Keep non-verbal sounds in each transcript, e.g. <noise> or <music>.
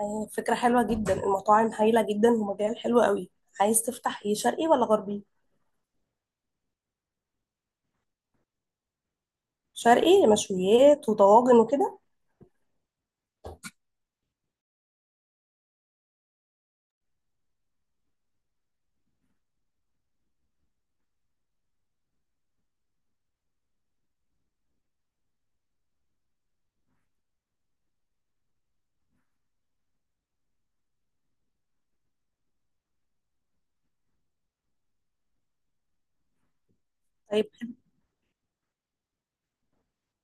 آه، فكرة حلوة جدا. المطاعم هايلة جدا ومجال حلو قوي. عايز تفتح ايه، شرقي ولا غربي؟ شرقي مشويات وطواجن وكده. طيب حلو.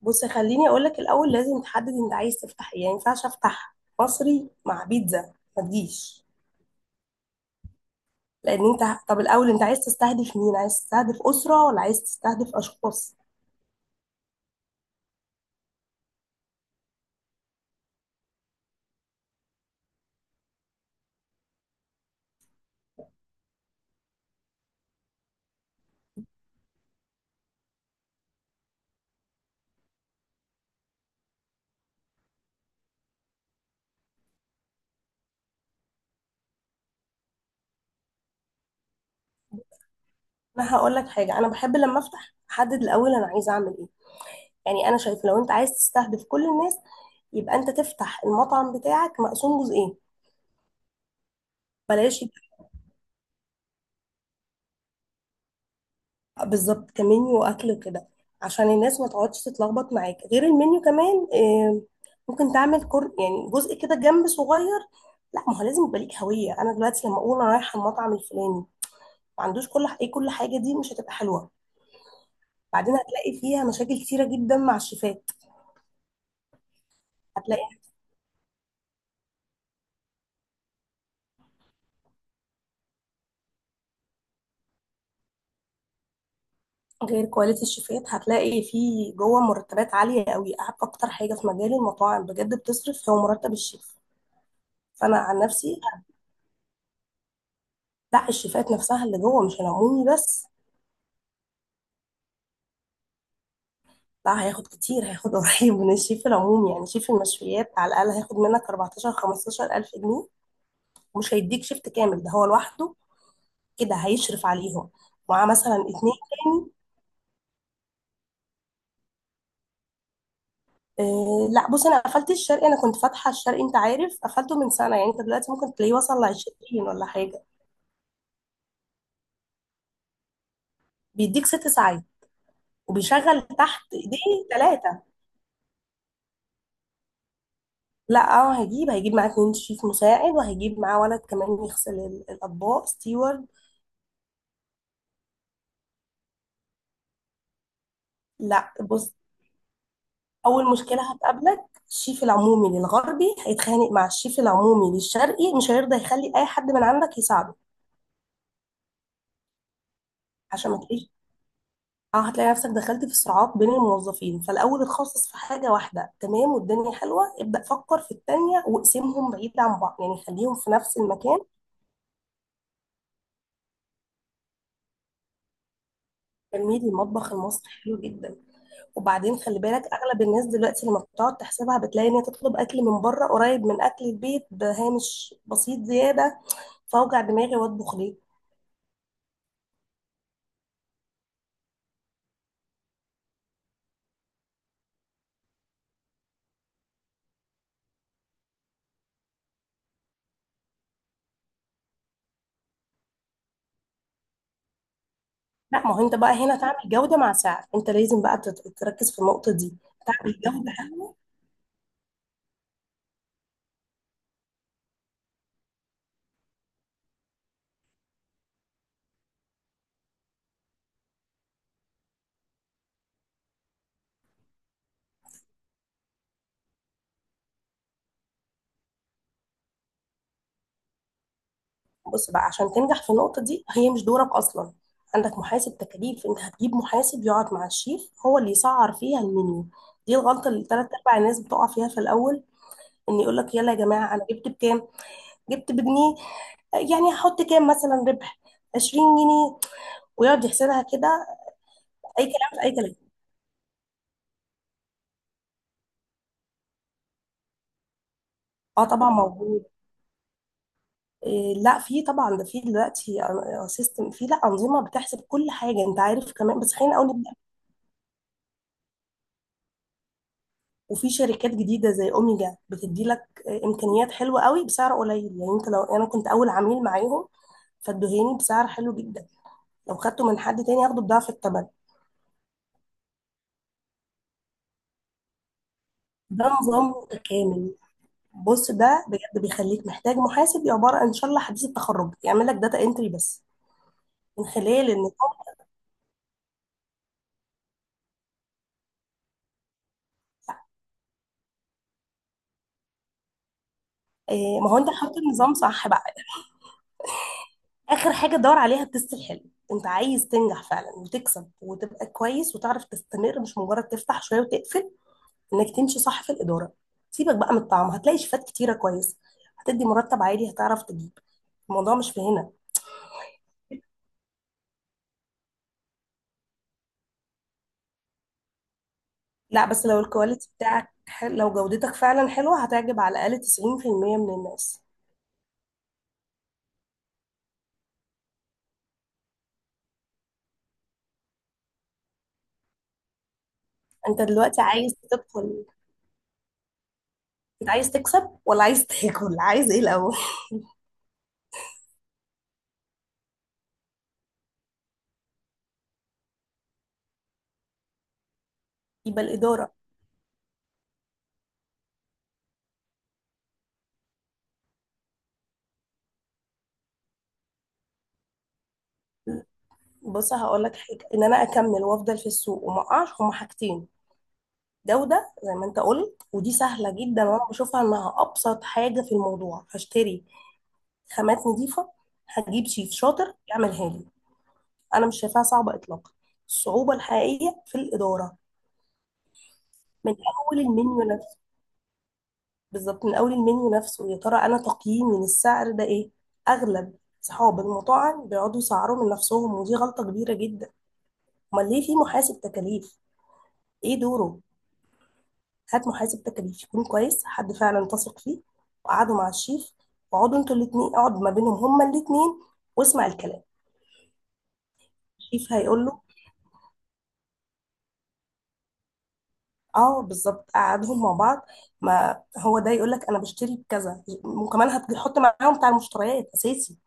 بص، خليني اقولك الاول لازم تحدد انت عايز تفتح ايه، يعني مينفعش افتح مصري مع بيتزا ما تجيش. لان انت، طب الاول انت عايز تستهدف مين، عايز تستهدف اسرة ولا عايز تستهدف اشخاص؟ انا هقولك حاجة، انا بحب لما افتح احدد الاول انا عايزه اعمل ايه. يعني انا شايفه لو انت عايز تستهدف كل الناس، يبقى انت تفتح المطعم بتاعك مقسوم جزئين. بلاش. بالظبط كمنيو واكل وكده، عشان الناس ما تقعدش تتلخبط معاك. غير المنيو كمان آه، ممكن تعمل كر يعني جزء كده جنب صغير. لا، ما هو لازم يبقى ليك هويه. انا دلوقتي لما اقول انا رايحه المطعم الفلاني، ما عندوش كل ايه، كل حاجه دي مش هتبقى حلوه. بعدين هتلاقي فيها مشاكل كتيره جدا مع الشيفات. هتلاقي غير كواليتي الشيفات، هتلاقي في جوه مرتبات عاليه قوي. اكتر حاجه في مجال المطاعم بجد بتصرف هو مرتب الشيف. فانا عن نفسي، لا، الشيفات نفسها اللي جوه مش العمومي بس. لا، هياخد كتير، هياخد قريب من الشيف العموم <laughs> يعني شيف المشويات على الأقل هياخد منك 14 15 ألف جنيه، ومش هيديك شيفت كامل، ده هو لوحده كده هيشرف عليهم، معاه مثلا اتنين. تاني؟ آه لا، بص، أنا قفلت الشرقي. أنا كنت فاتحة الشرقي، أنت عارف، قفلته من سنة، يعني أنت دلوقتي ممكن تلاقيه وصل ل 20 ولا حاجة. بيديك ست ساعات، وبيشغل تحت ايديه ثلاثة. لا اه، هيجيب معاه اتنين شيف مساعد، وهيجيب معاه ولد كمان يغسل الأطباق، ستيوارد. لا، بص، اول مشكله هتقابلك، الشيف العمومي للغربي هيتخانق مع الشيف العمومي للشرقي، مش هيرضى يخلي اي حد من عندك يساعده. عشان ما تلاقيش، اه هتلاقي نفسك دخلت في صراعات بين الموظفين. فالاول اتخصص في حاجه واحده، تمام والدنيا حلوه، ابدا فكر في التانيه واقسمهم بعيد عن بعض، يعني خليهم في نفس المكان. تلميذ المطبخ المصري حلو جدا. وبعدين خلي بالك، اغلب الناس دلوقتي لما بتقعد تحسبها بتلاقي ان هي تطلب اكل من بره قريب من اكل البيت بهامش بسيط زياده، فاوجع دماغي واطبخ ليه؟ لا، ما هو انت بقى هنا تعمل جودة مع سعر، انت لازم بقى تركز في النقطة دي. تعمل جودة. بص بقى، عشان تنجح في النقطة دي هي مش دورك اصلا. عندك محاسب تكاليف، انت هتجيب محاسب يقعد مع الشيف هو اللي يسعر فيها المنيو. دي الغلطة اللي تلات ارباع الناس بتقع فيها في الاول، ان يقول لك يلا يا جماعة انا جبت بكام، جبت بجنيه، يعني هحط كام مثلا ربح، 20 جنيه، ويقعد يحسبها كده. اي كلام في اي كلام. اه طبعا موجود. إيه، لا في طبعا ده، في دلوقتي سيستم، في لا انظمه بتحسب كل حاجه انت عارف كمان، بس خلينا اقول نبدا. وفي شركات جديده زي اوميجا بتدي لك إيه، امكانيات حلوه قوي بسعر قليل. يعني انت، لو انا كنت اول عميل معاهم فادوهاني بسعر حلو جدا، لو خدته من حد تاني هاخده بضعف الثمن. ده نظام متكامل. بص، ده بجد بيخليك محتاج محاسب عباره ان شاء الله حديث التخرج يعمل لك داتا انتري بس، من خلال النظام. آه، ما هو انت حاطط النظام صح بقى. اخر حاجه دور عليها التست الحلو. انت عايز تنجح فعلا وتكسب وتبقى كويس وتعرف تستمر، مش مجرد تفتح شويه وتقفل، انك تمشي صح في الاداره. سيبك بقى من الطعم، هتلاقي شيفات كتيره كويس، هتدي مرتب عالي هتعرف تجيب. الموضوع مش في هنا. لا بس لو الكواليتي بتاعك لو جودتك فعلا حلوه هتعجب على الاقل 90% من الناس. انت دلوقتي عايز تدخل، انت عايز تكسب ولا عايز تاكل <laughs> عايز ايه الاول؟ <laughs> يبقى الاداره. بص هقول لك حاجه، ان انا اكمل وافضل في السوق وما اقعش هما حاجتين. جودة زي ما انت قلت، ودي سهلة جدا وانا بشوفها انها ابسط حاجة في الموضوع. هشتري خامات نظيفة، هجيب شيف شاطر يعملها لي، انا مش شايفاها صعبة اطلاقا. الصعوبة الحقيقية في الإدارة، من اول المنيو نفسه. بالظبط، من اول المنيو نفسه، يا ترى انا تقييمي للسعر ده ايه. اغلب صحاب المطاعم بيقعدوا يسعروا من نفسهم، ودي غلطة كبيرة جدا. امال ليه في محاسب تكاليف؟ ايه دوره؟ هات محاسب تكاليف يكون كويس، حد فعلا تثق فيه، وقعدوا مع الشيف، وقعدوا انتوا الاتنين، اقعد ما بينهم هما الاتنين واسمع الكلام. الشيف هيقول له، اه بالظبط، قعدهم مع بعض. ما هو ده يقول لك انا بشتري بكذا، وكمان هتحط معاهم بتاع المشتريات اساسي،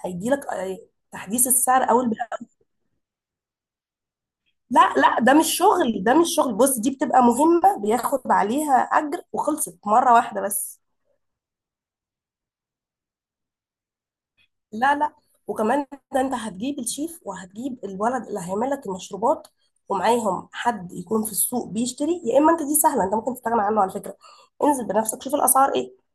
هيدي لك آه، تحديث السعر اول بأول. لا لا، ده مش شغل، ده مش شغل. بص، دي بتبقى مهمة بياخد عليها اجر وخلصت مرة واحدة بس. لا لا. وكمان، ده انت هتجيب الشيف، وهتجيب الولد اللي هيعمل لك المشروبات، ومعاهم حد يكون في السوق بيشتري. يا اما انت، دي سهله، انت ممكن تستغنى عنه على فكره، انزل بنفسك شوف الاسعار ايه.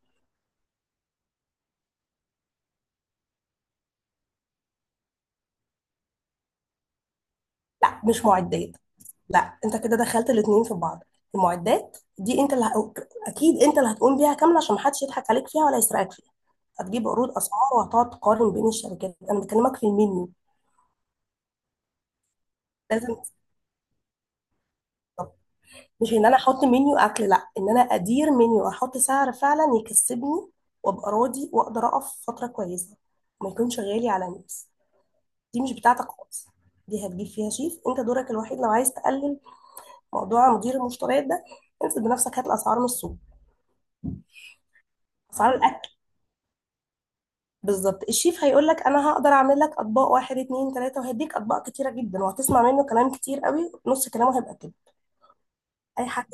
لا مش معدات. لا انت كده دخلت الاتنين في بعض. المعدات دي انت اللي اكيد انت اللي هتقوم بيها كامله عشان محدش يضحك عليك فيها ولا يسرقك فيها. هتجيب عروض اسعار، وهتقعد تقارن بين الشركات. انا بكلمك في المنيو. لازم. مش ان انا احط منيو اكل، لا، ان انا ادير منيو احط سعر فعلا يكسبني وابقى راضي واقدر اقف فتره كويسه، ما يكونش غالي على الناس. دي مش بتاعتك خالص، دي هتجيب فيها شيف. انت دورك الوحيد لو عايز تقلل موضوع مدير المشتريات ده، انزل بنفسك هات الاسعار من السوق. اسعار الاكل. بالظبط، الشيف هيقول لك انا هقدر اعمل لك اطباق واحد اتنين تلاته، وهديك اطباق كتيره جدا، وهتسمع منه كلام كتير قوي، نص كلامه هيبقى كده. اي حد.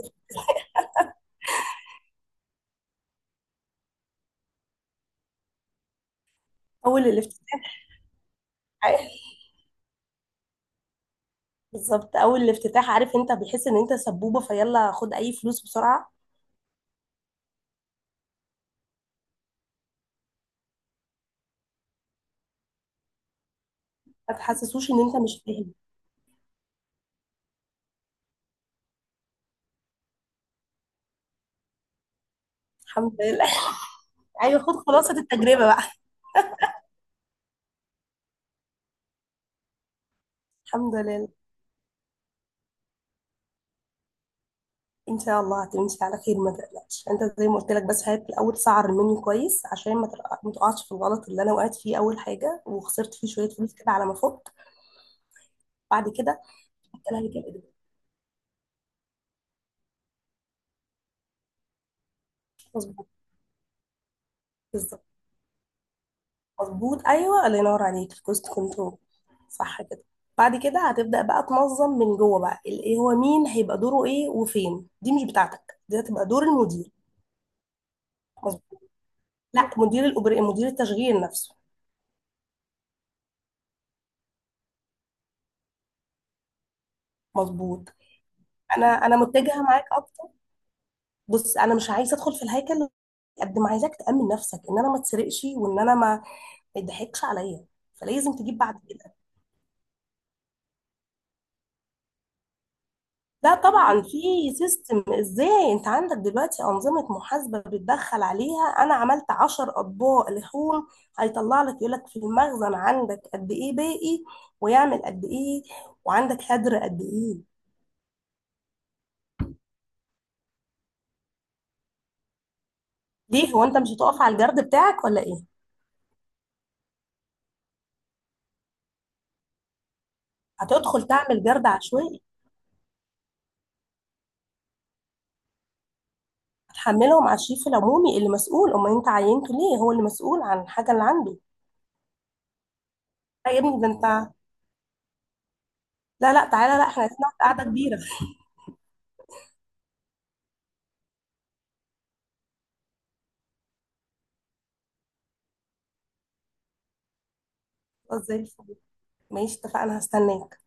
اول الافتتاح، بالظبط اول الافتتاح، عارف انت بيحس ان انت سبوبه، فيلا خد اي فلوس بسرعه. ما تحسسوش ان انت مش فاهم. الحمد لله <laughs> ايوه، خد خلاصه التجربه بقى. الحمد لله. ان شاء الله هتمشي على خير، ما تقلقش. انت زي ما قلت لك، بس هات الاول سعر المنيو كويس عشان ما تقعش في الغلط اللي انا وقعت فيه اول حاجه، وخسرت فيه شويه فلوس كده على ما فوت. بعد كده. انا هجيب إيدك. مظبوط. بالظبط. مظبوط ايوه، الله ينور عليك، الكوست كنترول. صح كده. بعد كده هتبدأ بقى تنظم من جوه بقى ال- ايه هو مين هيبقى دوره ايه وفين. دي مش بتاعتك، دي هتبقى دور المدير. مظبوط. لا مدير التشغيل نفسه. مظبوط. انا متجهه معاك اكتر. بص انا مش عايزه ادخل في الهيكل، قد ما عايزاك تأمن نفسك ان انا ما اتسرقش وان انا ما ما يضحكش عليا، فلازم تجيب بعد كده. لا طبعا في سيستم. ازاي؟ انت عندك دلوقتي انظمه محاسبه بتدخل عليها، انا عملت عشر اطباق لحوم، هيطلع لك يقول لك في المخزن عندك قد ايه باقي، ويعمل قد ايه، وعندك هدر قد ايه. ليه، هو انت مش هتقف على الجرد بتاعك ولا ايه؟ هتدخل تعمل جرد عشوائي. هتحملهم على الشريف العمومي اللي مسؤول، امال انت عينته ليه، هو اللي مسؤول عن الحاجه اللي عنده. لا يا ابني، ده انت، لا لا تعالى، لا احنا هنقعد قعده كبيره. <laughs> خلاص زي الفل. ماشي، اتفقنا، هستناك.